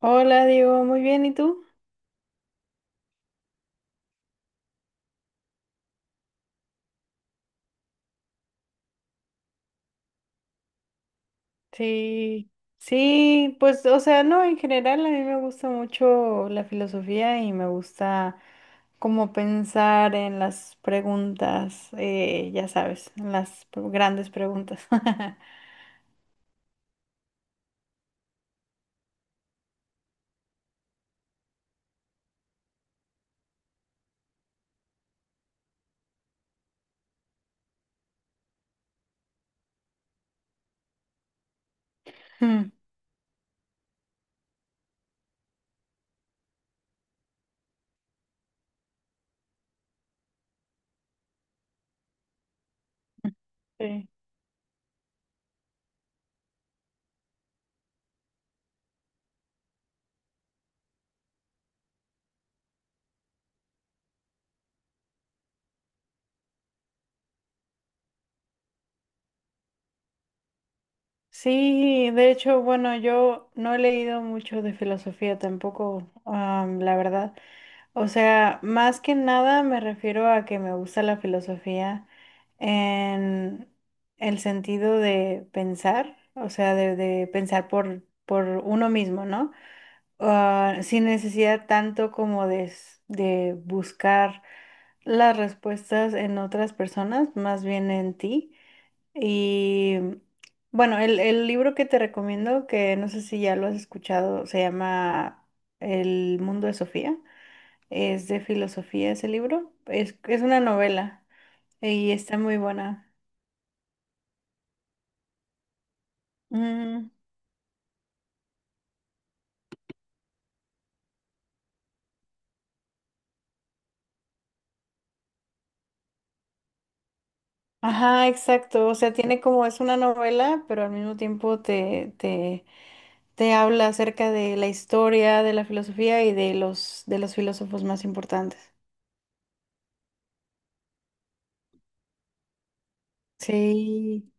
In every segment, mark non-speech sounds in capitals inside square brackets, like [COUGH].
Hola, Diego, muy bien, ¿y tú? Sí, sí, pues, o sea, no, en general a mí me gusta mucho la filosofía y me gusta como pensar en las preguntas, ya sabes, en las grandes preguntas. [LAUGHS] Mm. Sí. Sí, de hecho, bueno, yo no he leído mucho de filosofía tampoco, ah, la verdad. O sea, más que nada me refiero a que me gusta la filosofía en el sentido de pensar, o sea, de pensar por uno mismo, ¿no? Ah, sin necesidad tanto como de, de buscar las respuestas en otras personas, más bien en ti. Y bueno, el libro que te recomiendo, que no sé si ya lo has escuchado, se llama El mundo de Sofía. Es de filosofía ese libro. Es una novela y está muy buena. Mm. Ajá, exacto. O sea, tiene como es una novela, pero al mismo tiempo te habla acerca de la historia, de la filosofía y de los filósofos más importantes. Sí,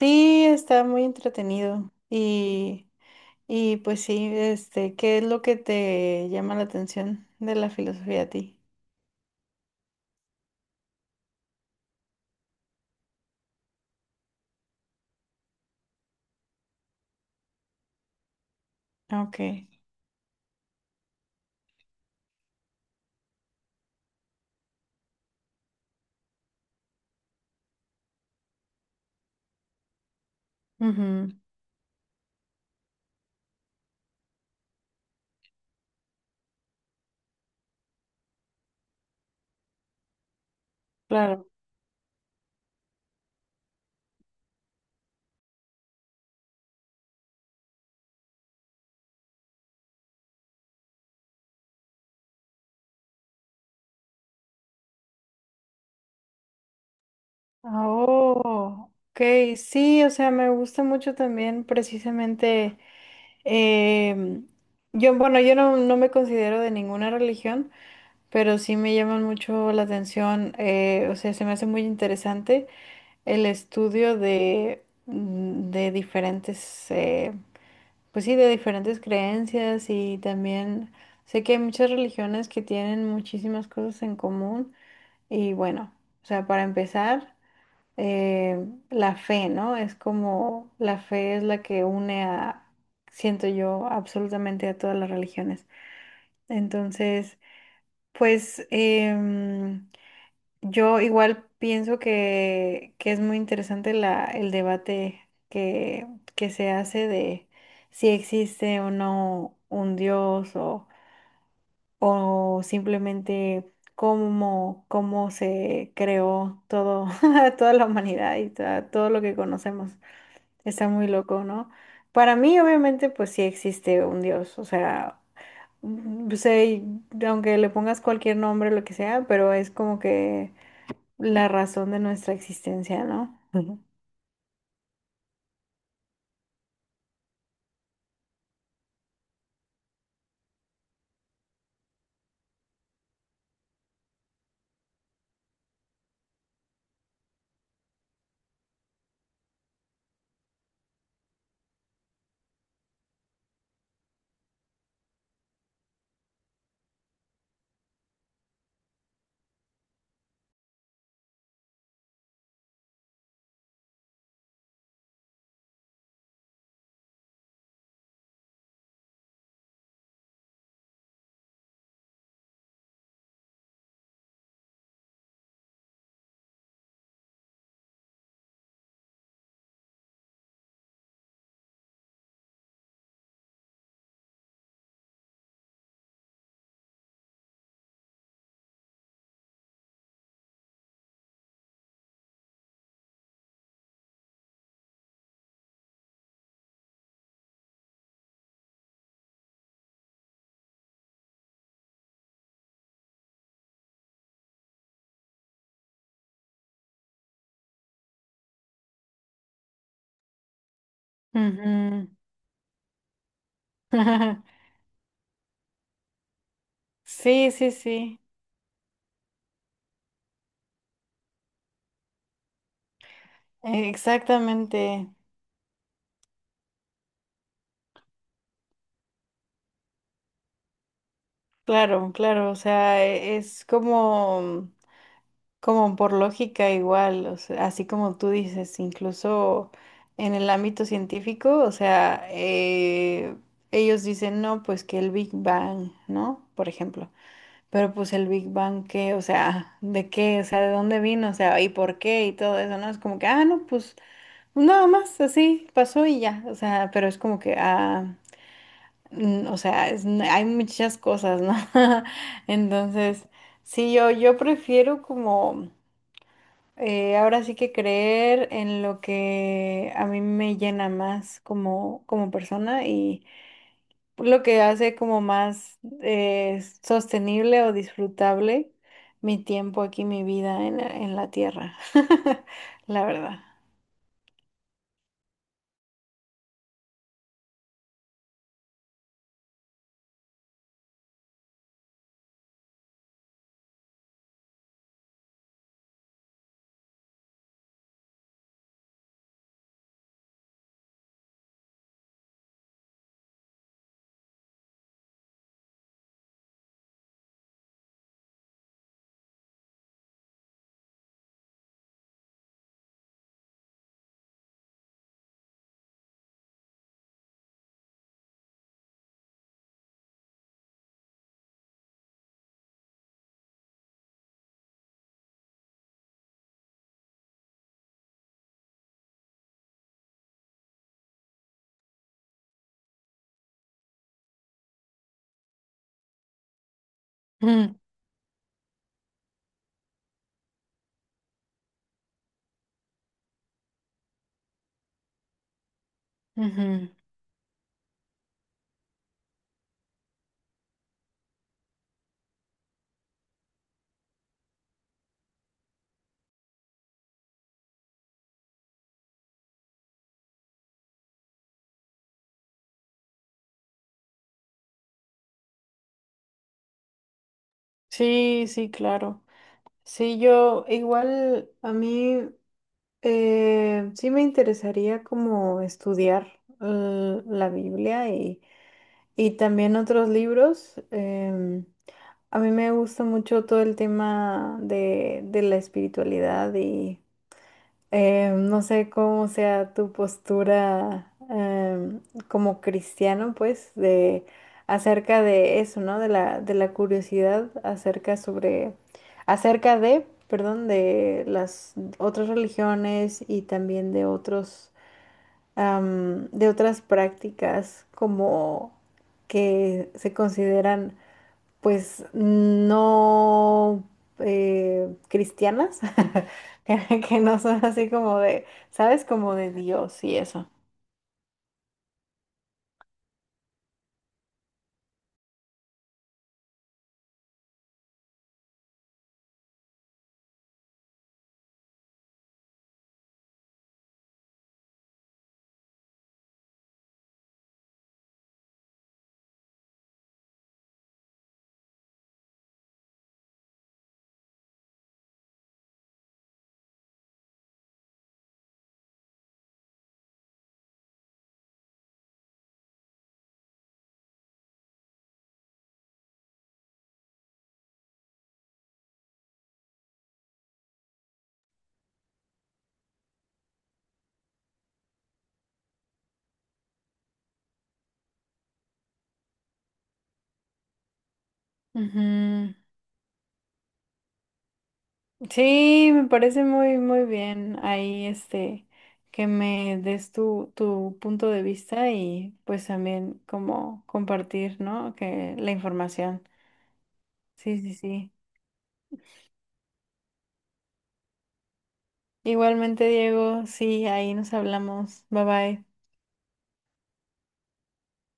sí, está muy entretenido. Y pues sí, este, ¿qué es lo que te llama la atención de la filosofía a ti? Ok. Ujú. Claro. Ah, oh, ok, sí, o sea, me gusta mucho también precisamente, em, yo, bueno, yo no, no me considero de ninguna religión, pero sí me llaman mucho la atención, o sea, se me hace muy interesante el estudio de, de diferentes, pues sí, de diferentes creencias y también sé que hay muchas religiones que tienen muchísimas cosas en común y bueno, o sea, para empezar la fe, ¿no? Es como la fe es la que une a, siento yo, absolutamente a todas las religiones. Entonces, pues yo igual pienso que es muy interesante la, el debate que, que se hace de si existe o no un Dios o simplemente... Cómo, cómo se creó todo, [LAUGHS] toda la humanidad y todo lo que conocemos. Está muy loco, ¿no? Para mí, obviamente, pues sí existe un Dios, o sea, sé, aunque le pongas cualquier nombre, lo que sea, pero es como que la razón de nuestra existencia, ¿no? Ujú. Ujú. [LAUGHS] Sí, sí, sí, exactamente. Claro, claro, o sea, es como... Como por lógica igual, o sea, así como tú dices, incluso en el ámbito científico, o sea, ellos dicen, no, pues que el Big Bang, ¿no? Por ejemplo, pero pues el Big Bang, ¿qué? O sea, ¿de qué? O sea, ¿de dónde vino? O sea, ¿y por qué? Y todo eso, ¿no? Es como que, ah, no, pues nada más, así pasó y ya, o sea, pero es como que, ah, o sea, hay muchas cosas, ¿no? [LAUGHS] Entonces... Sí, yo prefiero como ahora sí que creer en lo que a mí me llena más como, como persona y lo que hace como más sostenible o disfrutable mi tiempo aquí, mi vida en, en la tierra, [LAUGHS] la verdad. Mm, ujú. Sí, sí, claro. Sí, yo igual a mí sí me interesaría como estudiar la Biblia. Y también otros libros. A mí me gusta mucho todo el tema de la espiritualidad y no sé cómo sea tu postura como cristiano, pues, de acerca de eso, ¿no? De la curiosidad acerca sobre, acerca de, perdón, de las otras religiones y también de otros de otras prácticas como que se consideran pues no cristianas, [LAUGHS] que no son así como de, ¿sabes? Como de Dios y eso. Ujú. Sí, me parece muy, muy bien ahí este que me des tu, tu punto de vista y pues también como compartir, ¿no? Que la información. Sí, sí, sí. Igualmente, Diego, sí, ahí nos hablamos. Bye bye.